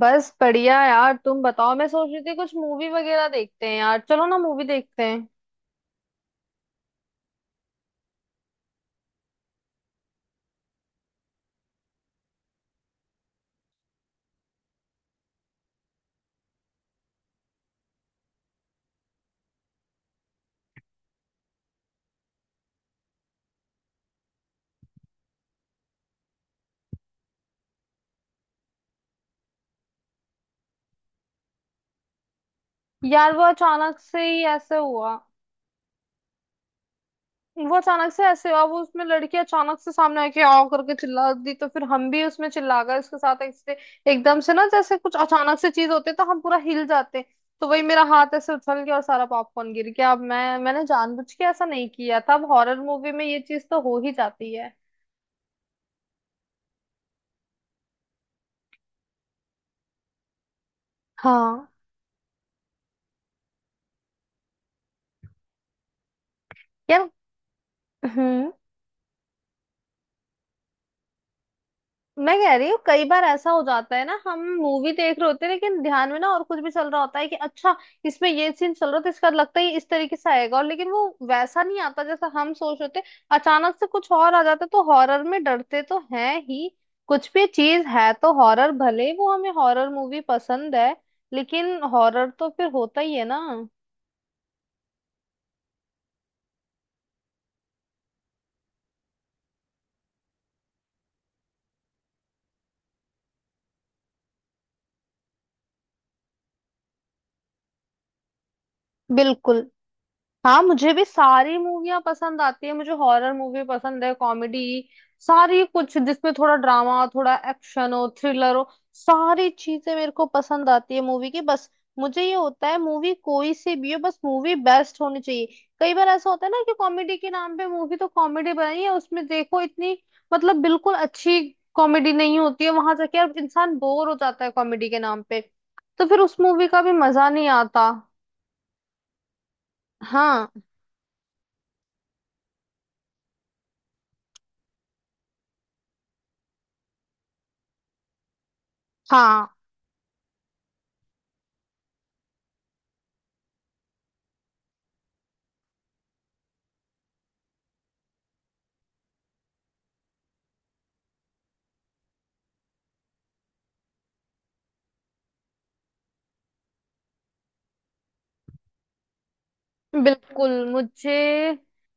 बस बढ़िया यार। तुम बताओ। मैं सोच रही थी कुछ मूवी वगैरह देखते हैं। यार चलो ना, मूवी देखते हैं। यार वो अचानक से ही ऐसे हुआ। वो अचानक से ऐसे हुआ। वो उसमें लड़की अचानक से सामने आके आव करके चिल्ला दी, तो फिर हम भी उसमें चिल्ला गए उसके साथ ऐसे। एकदम से ना जैसे कुछ अचानक से चीज होती है तो हम पूरा हिल जाते हैं। तो वही मेरा हाथ ऐसे उछल गया और सारा पॉपकॉर्न गिर गया। अब मैंने जानबूझ के ऐसा नहीं किया था। अब हॉरर मूवी में ये चीज तो हो ही जाती है। हाँ। यार। हम्म। मैं कह रही हूँ कई बार ऐसा हो जाता है ना, हम मूवी देख रहे होते हैं लेकिन ध्यान में ना और कुछ भी चल रहा होता है कि अच्छा, इसमें ये सीन चल रहा है तो इसका लगता है ये इस तरीके से आएगा और लेकिन वो वैसा नहीं आता जैसा हम सोच रहे थे। अचानक से कुछ और आ जाता है, तो हॉरर में डरते तो हैं ही। कुछ भी चीज है तो हॉरर, भले वो हमें हॉरर मूवी पसंद है लेकिन हॉरर तो फिर होता ही है ना। बिल्कुल। हाँ मुझे भी सारी मूवियाँ पसंद आती है। मुझे हॉरर मूवी पसंद है, कॉमेडी, सारी कुछ, जिसमें थोड़ा ड्रामा हो, थोड़ा एक्शन हो, थ्रिलर हो, सारी चीजें मेरे को पसंद आती है मूवी की। बस मुझे ये होता है मूवी कोई सी भी हो, बस मूवी बेस्ट होनी चाहिए। कई बार ऐसा होता है ना कि कॉमेडी के नाम पे मूवी तो कॉमेडी बनाई है, उसमें देखो इतनी, मतलब बिल्कुल अच्छी कॉमेडी नहीं होती है। वहां जाके अब इंसान बोर हो जाता है कॉमेडी के नाम पे। तो फिर उस मूवी का भी मजा नहीं आता। हाँ हाँ। बिल्कुल। मुझे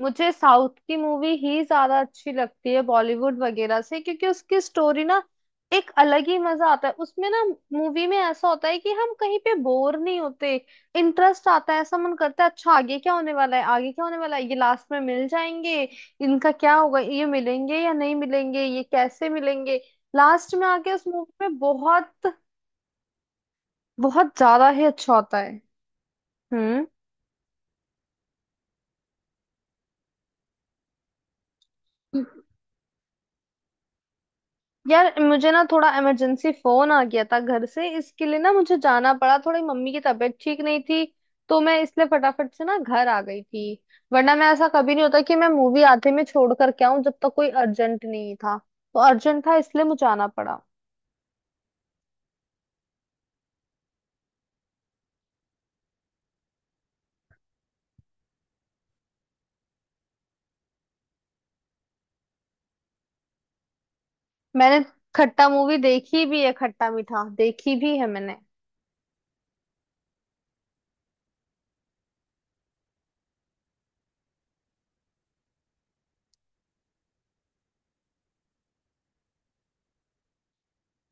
मुझे साउथ की मूवी ही ज्यादा अच्छी लगती है बॉलीवुड वगैरह से, क्योंकि उसकी स्टोरी ना एक अलग ही मजा आता है उसमें ना। मूवी में ऐसा होता है कि हम कहीं पे बोर नहीं होते। इंटरेस्ट आता है, ऐसा मन करता है अच्छा आगे क्या होने वाला है, आगे क्या होने वाला है, ये लास्ट में मिल जाएंगे, इनका क्या होगा, ये मिलेंगे या नहीं मिलेंगे, ये कैसे मिलेंगे। लास्ट में आके उस मूवी में बहुत बहुत ज्यादा ही अच्छा होता है। हम्म। यार मुझे ना थोड़ा इमरजेंसी फोन आ गया था घर से, इसके लिए ना मुझे जाना पड़ा। थोड़ी मम्मी की तबीयत ठीक नहीं थी, तो मैं इसलिए फटाफट से ना घर आ गई थी। वरना मैं ऐसा कभी नहीं होता कि मैं मूवी आधे में छोड़ कर के आऊं। जब तक कोई अर्जेंट नहीं, था तो अर्जेंट, था इसलिए मुझे आना पड़ा। मैंने खट्टा मूवी देखी भी है, खट्टा मीठा देखी भी है मैंने।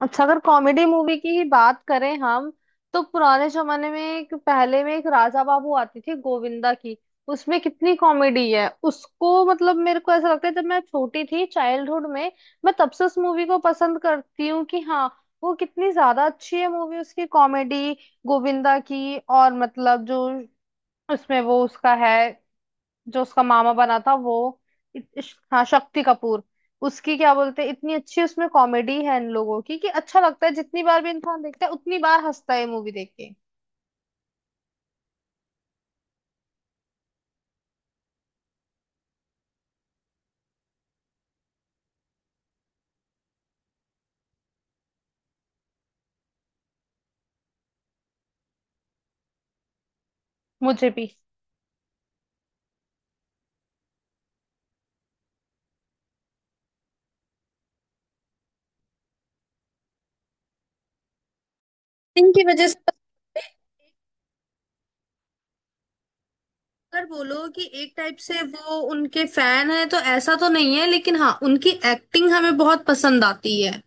अच्छा, अगर कॉमेडी मूवी की ही बात करें हम तो पुराने जमाने में एक, पहले में एक राजा बाबू आती थी गोविंदा की। उसमें कितनी कॉमेडी है उसको, मतलब मेरे को ऐसा लगता है जब मैं छोटी थी चाइल्डहुड में, मैं तब से उस मूवी को पसंद करती हूँ कि हाँ, वो कितनी ज्यादा अच्छी है मूवी, उसकी कॉमेडी, गोविंदा की, और मतलब जो उसमें वो उसका है, जो उसका मामा बना था वो, हाँ, शक्ति कपूर, उसकी क्या बोलते हैं, इतनी अच्छी उसमें कॉमेडी है इन लोगों की कि अच्छा लगता है। जितनी बार भी इंसान देखता है उतनी बार हंसता है मूवी देख के। मुझे भी इनकी वजह से, अगर बोलो कि एक टाइप से वो उनके फैन है तो ऐसा तो नहीं है, लेकिन हाँ उनकी एक्टिंग हमें बहुत पसंद आती है।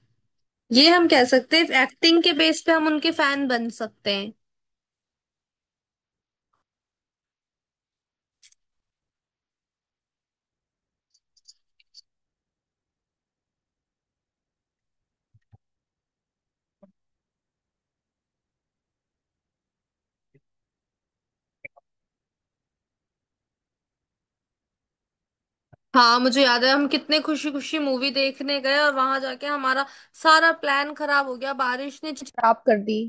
ये हम कह सकते हैं, एक्टिंग के बेस पे हम उनके फैन बन सकते हैं। हाँ मुझे याद है हम कितने खुशी खुशी मूवी देखने गए और वहां जाके हमारा सारा प्लान खराब हो गया। बारिश ने खराब कर दी।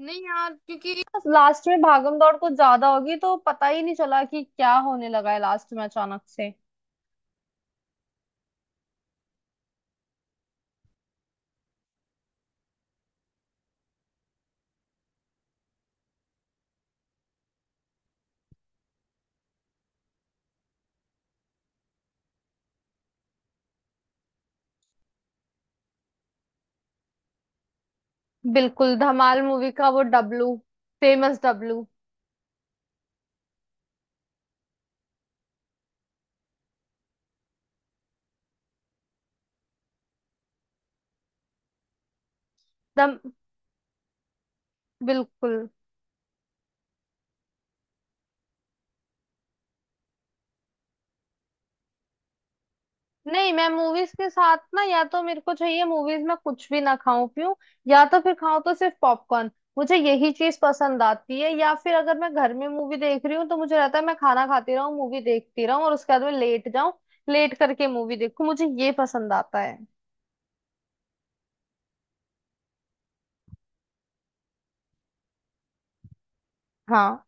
नहीं यार, क्योंकि लास्ट में भागम दौड़ कुछ ज्यादा होगी तो पता ही नहीं चला कि क्या होने लगा है लास्ट में अचानक से। बिल्कुल, धमाल मूवी का वो डब्लू, फेमस डब्लू, दम। बिल्कुल नहीं, मैं मूवीज के साथ ना या तो मेरे को चाहिए मूवीज में कुछ भी ना खाऊं पीऊं, या तो फिर खाऊं तो सिर्फ पॉपकॉर्न। मुझे यही चीज पसंद आती है। या फिर अगर मैं घर में मूवी देख रही हूँ तो मुझे रहता है मैं खाना खाती रहूं, मूवी देखती रहूं और उसके बाद में लेट जाऊं। लेट करके मूवी देखूं, मुझे ये पसंद आता है। हाँ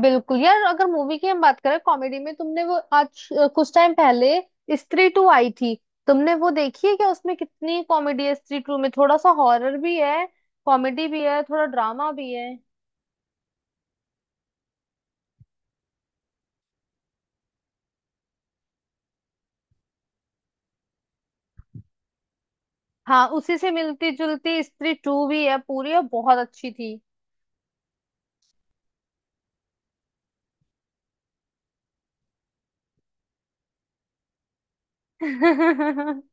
बिल्कुल यार। अगर मूवी की हम बात करें, कॉमेडी में तुमने वो आज कुछ टाइम पहले स्त्री टू आई थी, तुमने वो देखी है क्या? उसमें कितनी कॉमेडी है। स्त्री टू में थोड़ा सा हॉरर भी है, कॉमेडी भी है, थोड़ा ड्रामा भी है। हाँ उसी से मिलती जुलती स्त्री टू भी है पूरी, और बहुत अच्छी थी।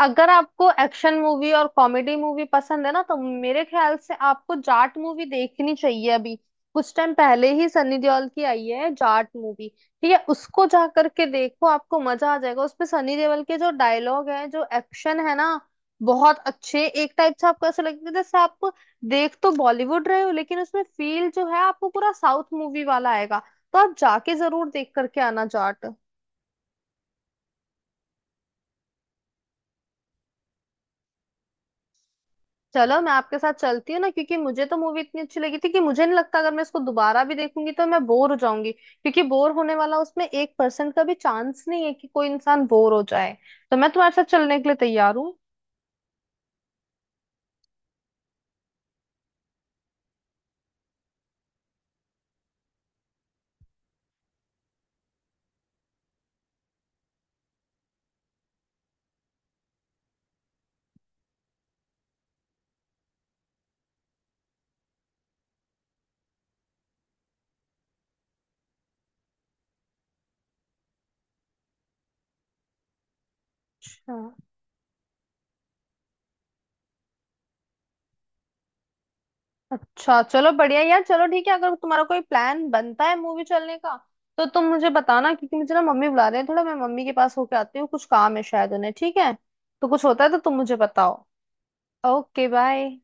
अगर आपको एक्शन मूवी और कॉमेडी मूवी पसंद है ना, तो मेरे ख्याल से आपको जाट मूवी देखनी चाहिए। अभी कुछ टाइम पहले ही सनी देओल की आई है जाट मूवी। ठीक है, उसको जा करके देखो, आपको मजा आ जाएगा। उसमें सनी देओल के जो डायलॉग है, जो एक्शन है ना, बहुत अच्छे। एक टाइप से आपको ऐसा लगेगा जैसे आप देख तो बॉलीवुड रहे हो लेकिन उसमें फील जो है आपको पूरा साउथ मूवी वाला आएगा। तो आप जाके जरूर देख करके आना जाट। चलो मैं आपके साथ चलती हूँ ना, क्योंकि मुझे तो मूवी इतनी अच्छी लगी थी कि मुझे नहीं लगता अगर मैं इसको दोबारा भी देखूंगी तो मैं बोर हो जाऊंगी, क्योंकि बोर होने वाला उसमें 1% का भी चांस नहीं है कि कोई इंसान बोर हो जाए। तो मैं तुम्हारे साथ चलने के लिए तैयार हूँ। अच्छा। अच्छा चलो बढ़िया यार, चलो ठीक है, अगर तुम्हारा कोई प्लान बनता है मूवी चलने का तो तुम मुझे बताना, क्योंकि मुझे ना मम्मी बुला रहे हैं थोड़ा, मैं मम्मी के पास होके आती हूँ, कुछ काम है शायद उन्हें। ठीक है, तो कुछ होता है तो तुम मुझे बताओ। Okay bye.